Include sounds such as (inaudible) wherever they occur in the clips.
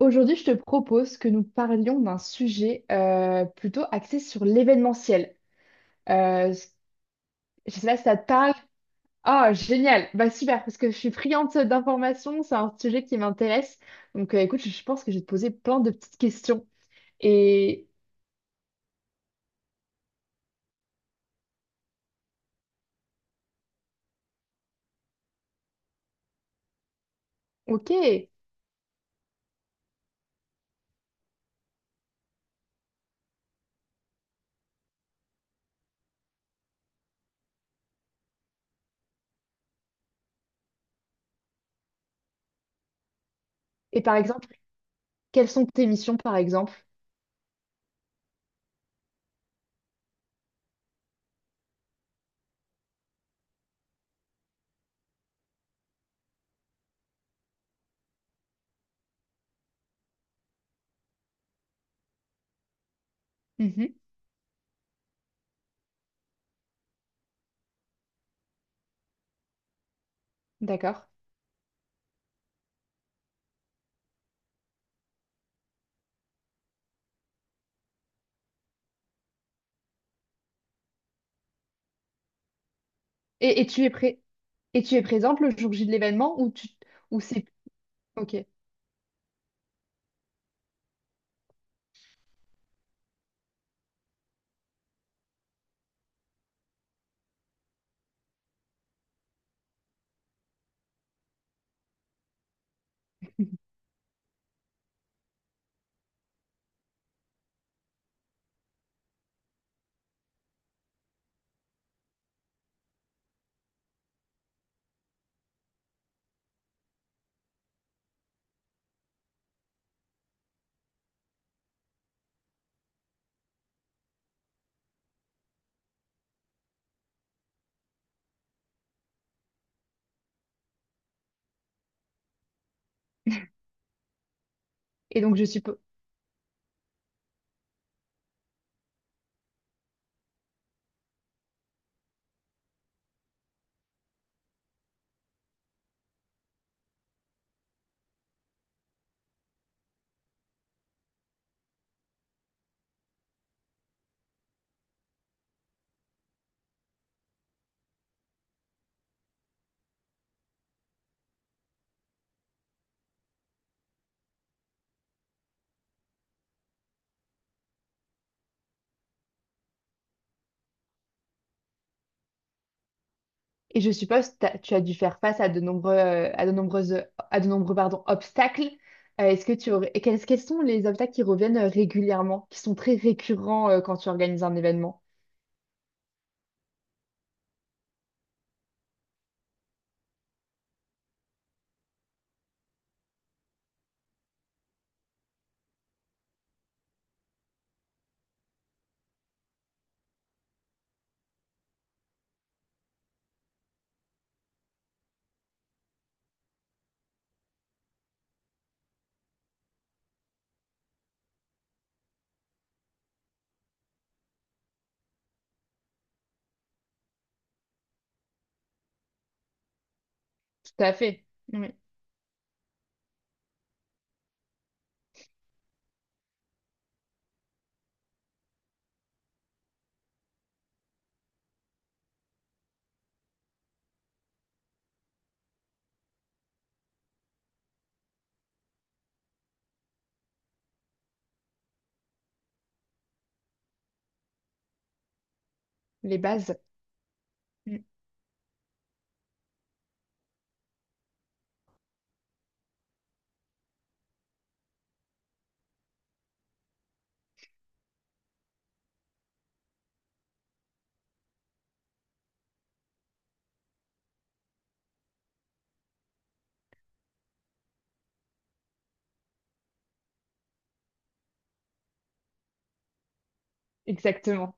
Aujourd'hui, je te propose que nous parlions d'un sujet plutôt axé sur l'événementiel. Euh, je sais pas si ça te parle. Ah, génial! Bah super, parce que je suis friande d'informations, c'est un sujet qui m'intéresse. Donc, écoute, je pense que je vais te poser plein de petites questions. Et ok. Et par exemple, quelles sont tes missions, par exemple? Mhm, d'accord. Et tu es prêt? Et tu es présente le jour J de l'événement ou tu ou c'est ok. Et donc je suppose. Et je suppose que tu as dû faire face à de nombreux, à de nombreuses, à de nombreux, pardon, obstacles. Est-ce que et quels sont les obstacles qui reviennent régulièrement, qui sont très récurrents, quand tu organises un événement? Tout à fait. Oui. Les bases. Mm. Exactement.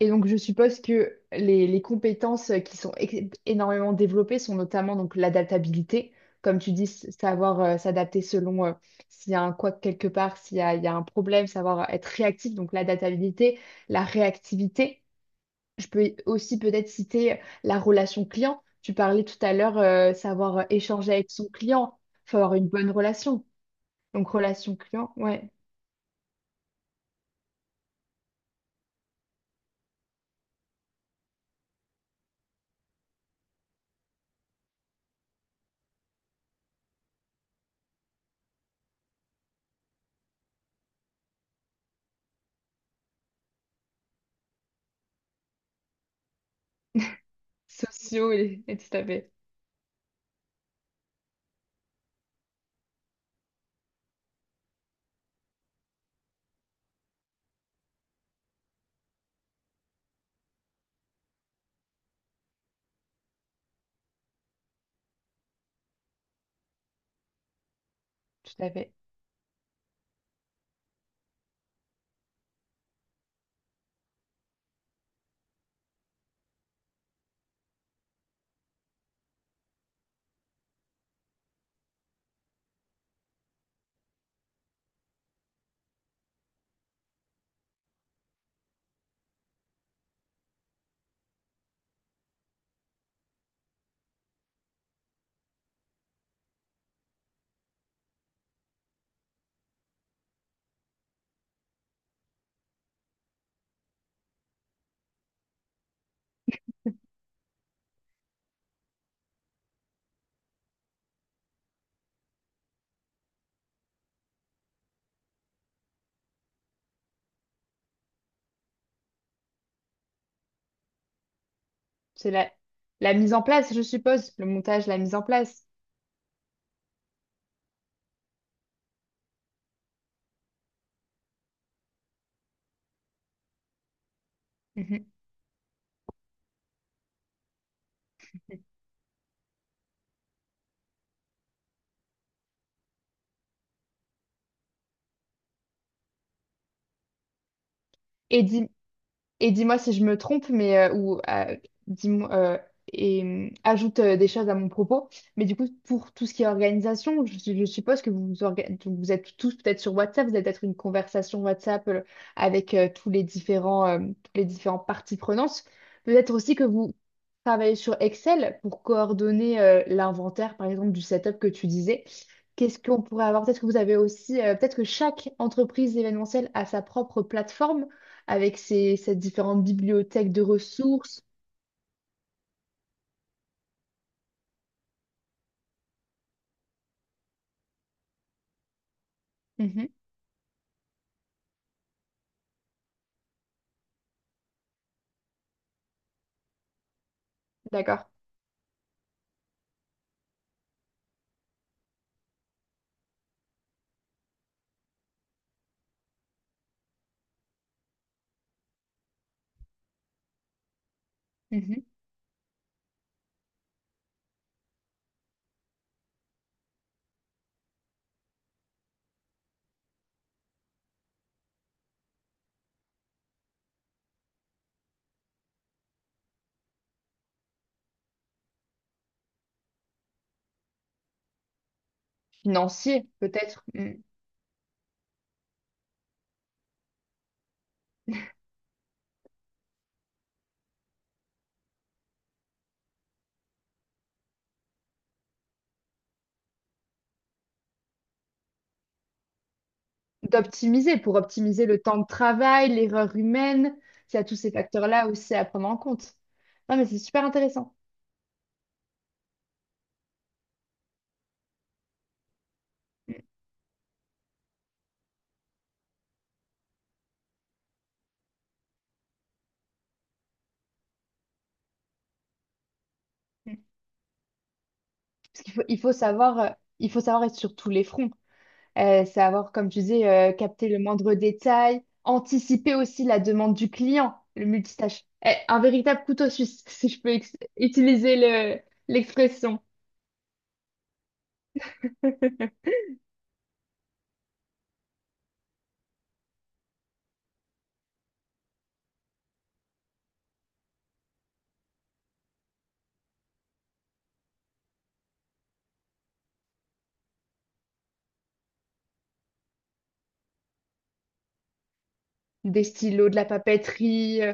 Et donc, je suppose que les compétences qui sont énormément développées sont notamment donc l'adaptabilité, comme tu dis, savoir s'adapter selon s'il y a un quoi quelque part, il y a un problème, savoir être réactif, donc l'adaptabilité, la réactivité. Je peux aussi peut-être citer la relation client. Tu parlais tout à l'heure, savoir échanger avec son client, faut avoir une bonne relation. Donc, relation client, ouais, sociaux et tout à fait, tout à fait. C'est la, la mise en place, je suppose, le montage, la mise en place. Mhm. Et dis, Et dis-moi si je me trompe, mais ou dis-moi et ajoute des choses à mon propos. Mais du coup, pour tout ce qui est organisation, je suppose que vous vous, vous êtes tous peut-être sur WhatsApp, vous avez peut-être une conversation WhatsApp avec tous les différents toutes les différentes parties prenantes. Peut-être aussi que vous travaillez sur Excel pour coordonner l'inventaire, par exemple, du setup que tu disais. Qu'est-ce qu'on pourrait avoir? Peut-être que vous avez aussi, peut-être que chaque entreprise événementielle a sa propre plateforme avec ces différentes bibliothèques de ressources, mhm, d'accord, mhm. Financiers peut-être, mm, d'optimiser pour optimiser le temps de travail, l'erreur humaine. Il y a tous ces facteurs-là aussi à prendre en compte. Non, mais c'est super intéressant. Mm. Mhm. Parce qu'il faut, il faut savoir, euh, il faut savoir être sur tous les fronts. Savoir, comme tu dis, capter le moindre détail, anticiper aussi la demande du client, le multitâche. Eh, un véritable couteau suisse, (laughs) si je peux utiliser l'expression. (laughs) Des stylos, de la papeterie,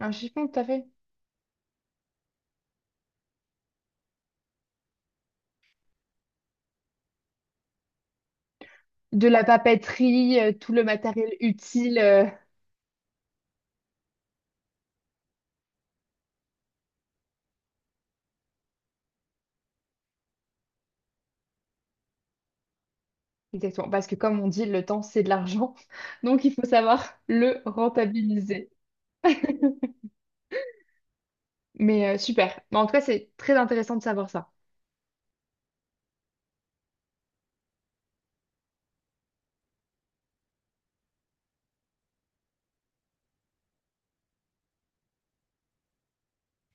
un chiffon tout à fait. De la papeterie, tout le matériel utile. Exactement, parce que comme on dit, le temps, c'est de l'argent. (laughs) Donc, il faut savoir le rentabiliser. Mais super. Mais en tout cas, c'est très intéressant de savoir ça.